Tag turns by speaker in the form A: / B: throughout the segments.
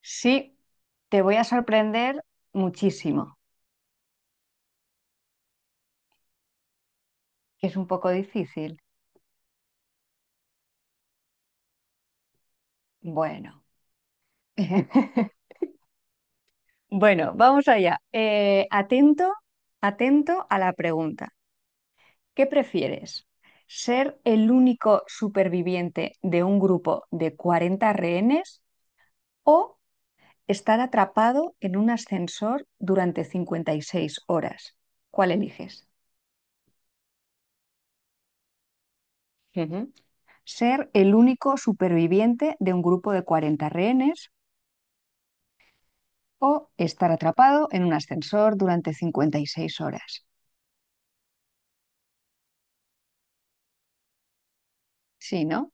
A: Sí, te voy a sorprender muchísimo, que es un poco difícil. Bueno, bueno, vamos allá. Atento a la pregunta. ¿Qué prefieres? ¿Ser el único superviviente de un grupo de 40 rehenes o estar atrapado en un ascensor durante 56 horas? ¿Cuál eliges? Ujú. ¿Ser el único superviviente de un grupo de 40 rehenes o estar atrapado en un ascensor durante 56 horas? Sí, ¿no?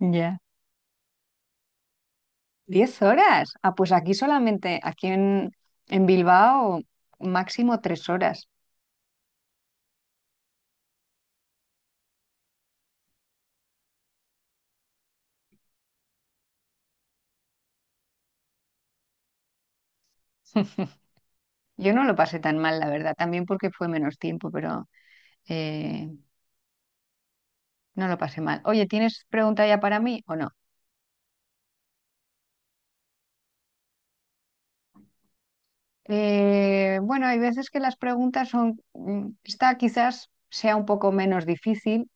A: Ya. ¿10 horas? Ah, pues aquí solamente, aquí en Bilbao, máximo 3 horas. Yo no lo pasé tan mal, la verdad, también porque fue menos tiempo, pero eh, no lo pasé mal. Oye, ¿tienes pregunta ya para mí o no? Bueno, hay veces que las preguntas son, esta quizás sea un poco menos difícil,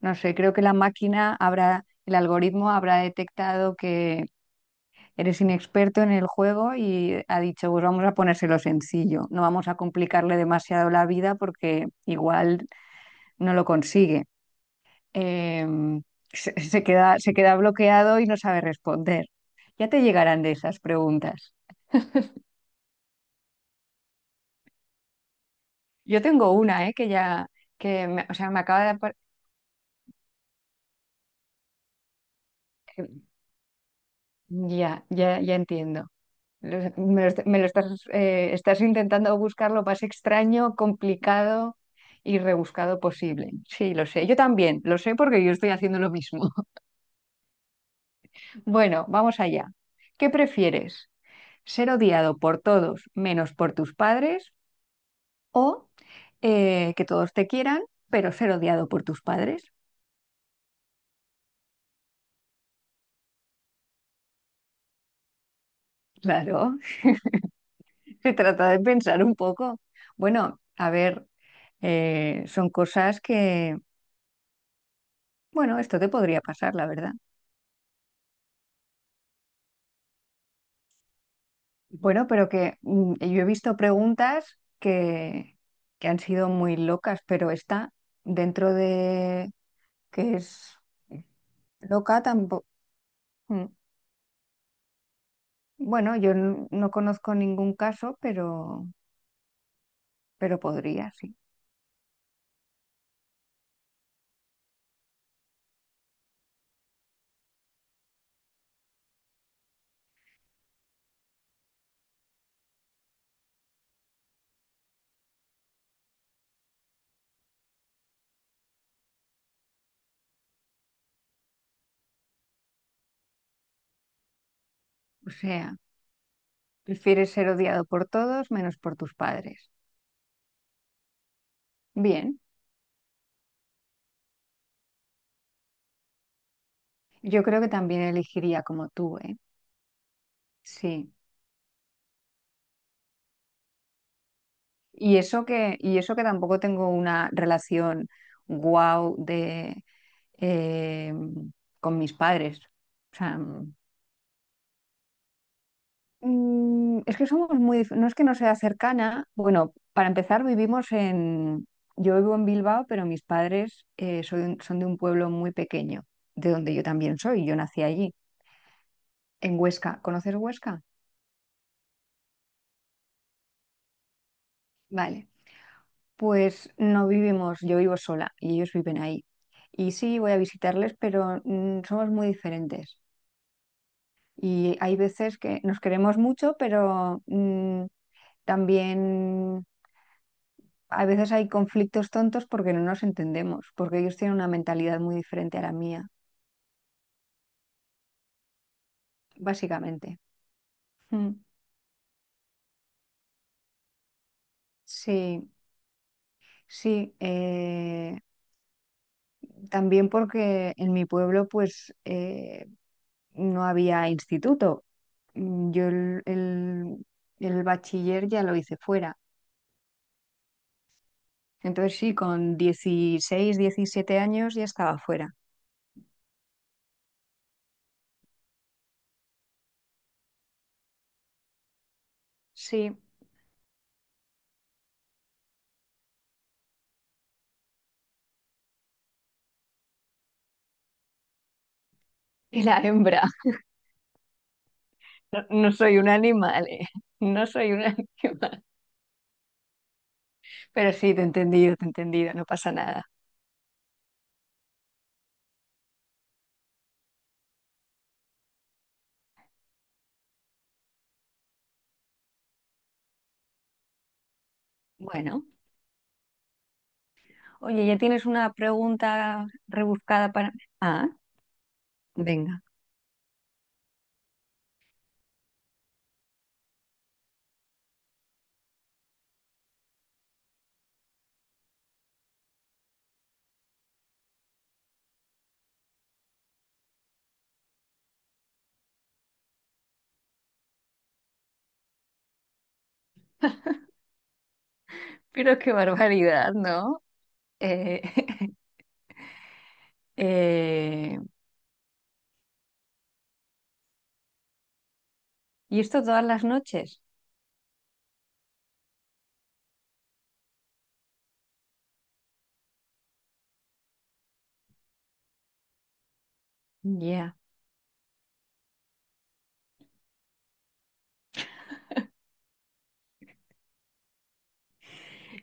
A: no sé, creo que la máquina habrá, el algoritmo habrá detectado que eres inexperto en el juego y ha dicho, pues vamos a ponérselo sencillo, no vamos a complicarle demasiado la vida porque igual no lo consigue. Eh, se queda bloqueado y no sabe responder. Ya te llegarán de esas preguntas. Yo tengo una, que ya, o sea, me acaba de. Eh, Ya, ya, ya entiendo. Me lo estás, estás intentando buscar lo más extraño, complicado y rebuscado posible. Sí, lo sé. Yo también, lo sé porque yo estoy haciendo lo mismo. Bueno, vamos allá. ¿Qué prefieres? ¿Ser odiado por todos menos por tus padres o que todos te quieran, pero ser odiado por tus padres? Claro, se trata de pensar un poco. Bueno, a ver, son cosas que, bueno, esto te podría pasar, la verdad. Bueno, pero que yo he visto preguntas que han sido muy locas, pero esta, dentro de que es loca, tampoco. Bueno, yo no conozco ningún caso, pero podría, sí. O sea, prefieres ser odiado por todos menos por tus padres. Bien, yo creo que también elegiría como tú, ¿eh? Sí. Y eso que tampoco tengo una relación guau eh, con mis padres. O sea, es que somos muy, no es que no sea cercana. Bueno, para empezar, yo vivo en Bilbao, pero mis padres son de un pueblo muy pequeño, de donde yo también soy, yo nací allí, en Huesca. ¿Conoces Huesca? Vale, pues no vivimos, yo vivo sola y ellos viven ahí. Y sí, voy a visitarles, pero somos muy diferentes. Y hay veces que nos queremos mucho, pero también a veces hay conflictos tontos porque no nos entendemos, porque ellos tienen una mentalidad muy diferente a la mía, básicamente. Mm, sí, sí. También porque en mi pueblo pues no había instituto. Yo el bachiller ya lo hice fuera. Entonces sí, con 16 17 años ya estaba fuera. Sí, y la hembra. No, no soy un animal, no soy un animal. Pero sí, te he entendido, no pasa nada. Bueno, oye, ya tienes una pregunta rebuscada para mí. Ah, venga. Pero qué barbaridad, ¿no? Eh, eh, ¿y esto todas las noches? Ya.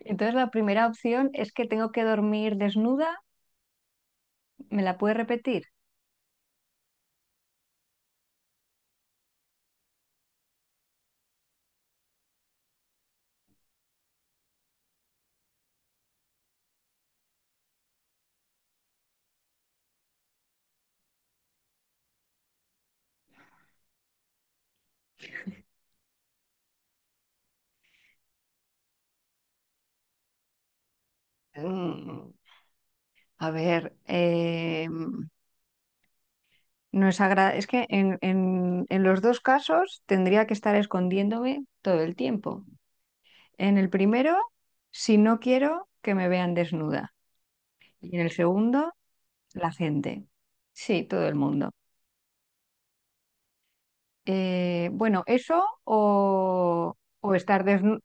A: Entonces la primera opción es que tengo que dormir desnuda. ¿Me la puedes repetir? Mm, a ver, No es agra- es que en los dos casos tendría que estar escondiéndome todo el tiempo. En el primero, si no quiero que me vean desnuda. Y en el segundo, la gente. Sí, todo el mundo. Bueno, eso o, estar desnuda.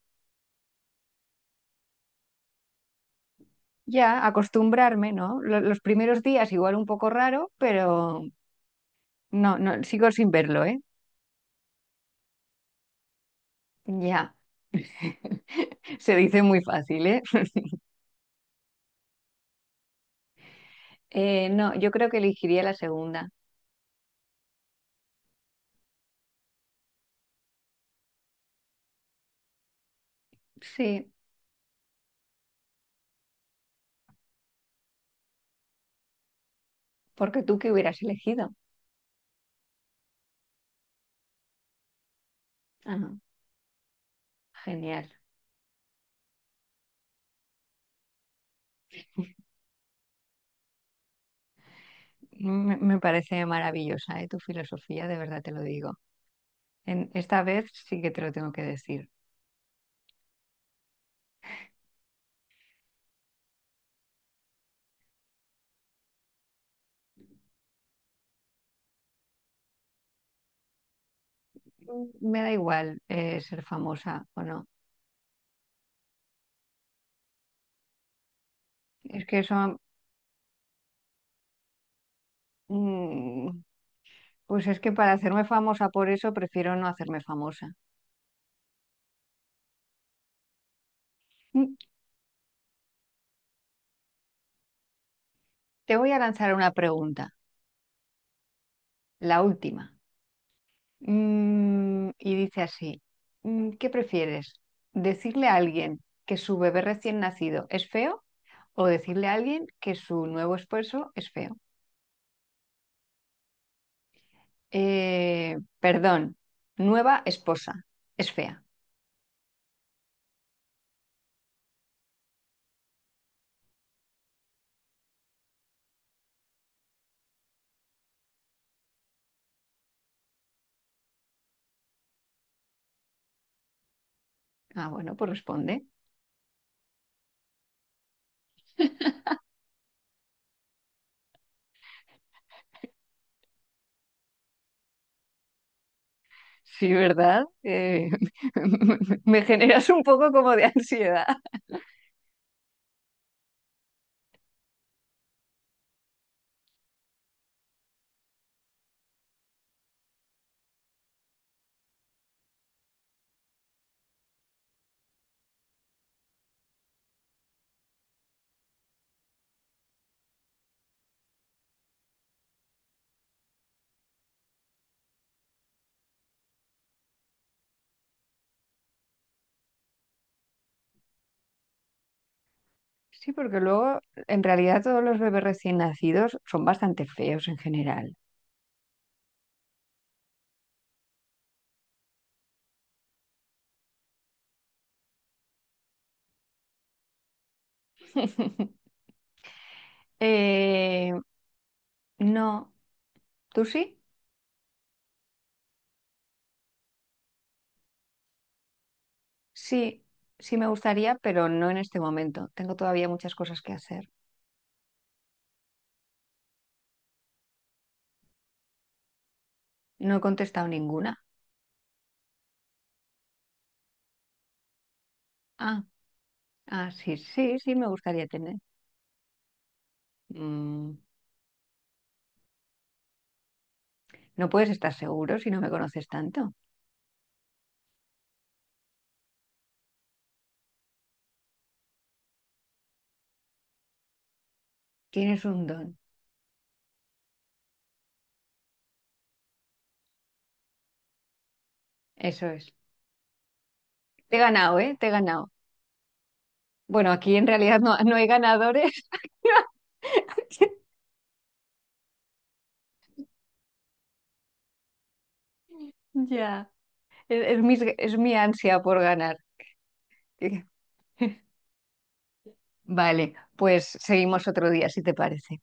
A: Ya, acostumbrarme, ¿no? Los primeros días igual un poco raro, pero no, no, sigo sin verlo, ¿eh? Ya. Se dice muy fácil, ¿eh? No, yo creo que elegiría la segunda. Sí, porque tú qué hubieras elegido. Ah, genial. Me parece maravillosa, ¿eh? Tu filosofía, de verdad te lo digo. Esta vez sí que te lo tengo que decir. Me da igual ser famosa o no. Es que eso, mm, pues es que para hacerme famosa por eso prefiero no hacerme famosa. Mm, Te voy a lanzar una pregunta, la última. Y dice así, ¿qué prefieres? ¿Decirle a alguien que su bebé recién nacido es feo o decirle a alguien que su nuevo esposo es feo? Perdón, nueva esposa es fea. Ah, bueno, pues responde. Sí, ¿verdad? Me generas un poco como de ansiedad. Sí, porque luego en realidad todos los bebés recién nacidos son bastante feos en general. Eh, no. ¿Tú sí? Sí, sí me gustaría, pero no en este momento. Tengo todavía muchas cosas que hacer. No he contestado ninguna. Ah, ah, sí, sí, sí me gustaría tener. Mm, no puedes estar seguro si no me conoces tanto. Tienes un don. Eso es. Te he ganado, ¿eh? Te he ganado. Bueno, aquí en realidad no, no hay ganadores. Ya. Es mi ansia por ganar. Vale, pues seguimos otro día, si te parece.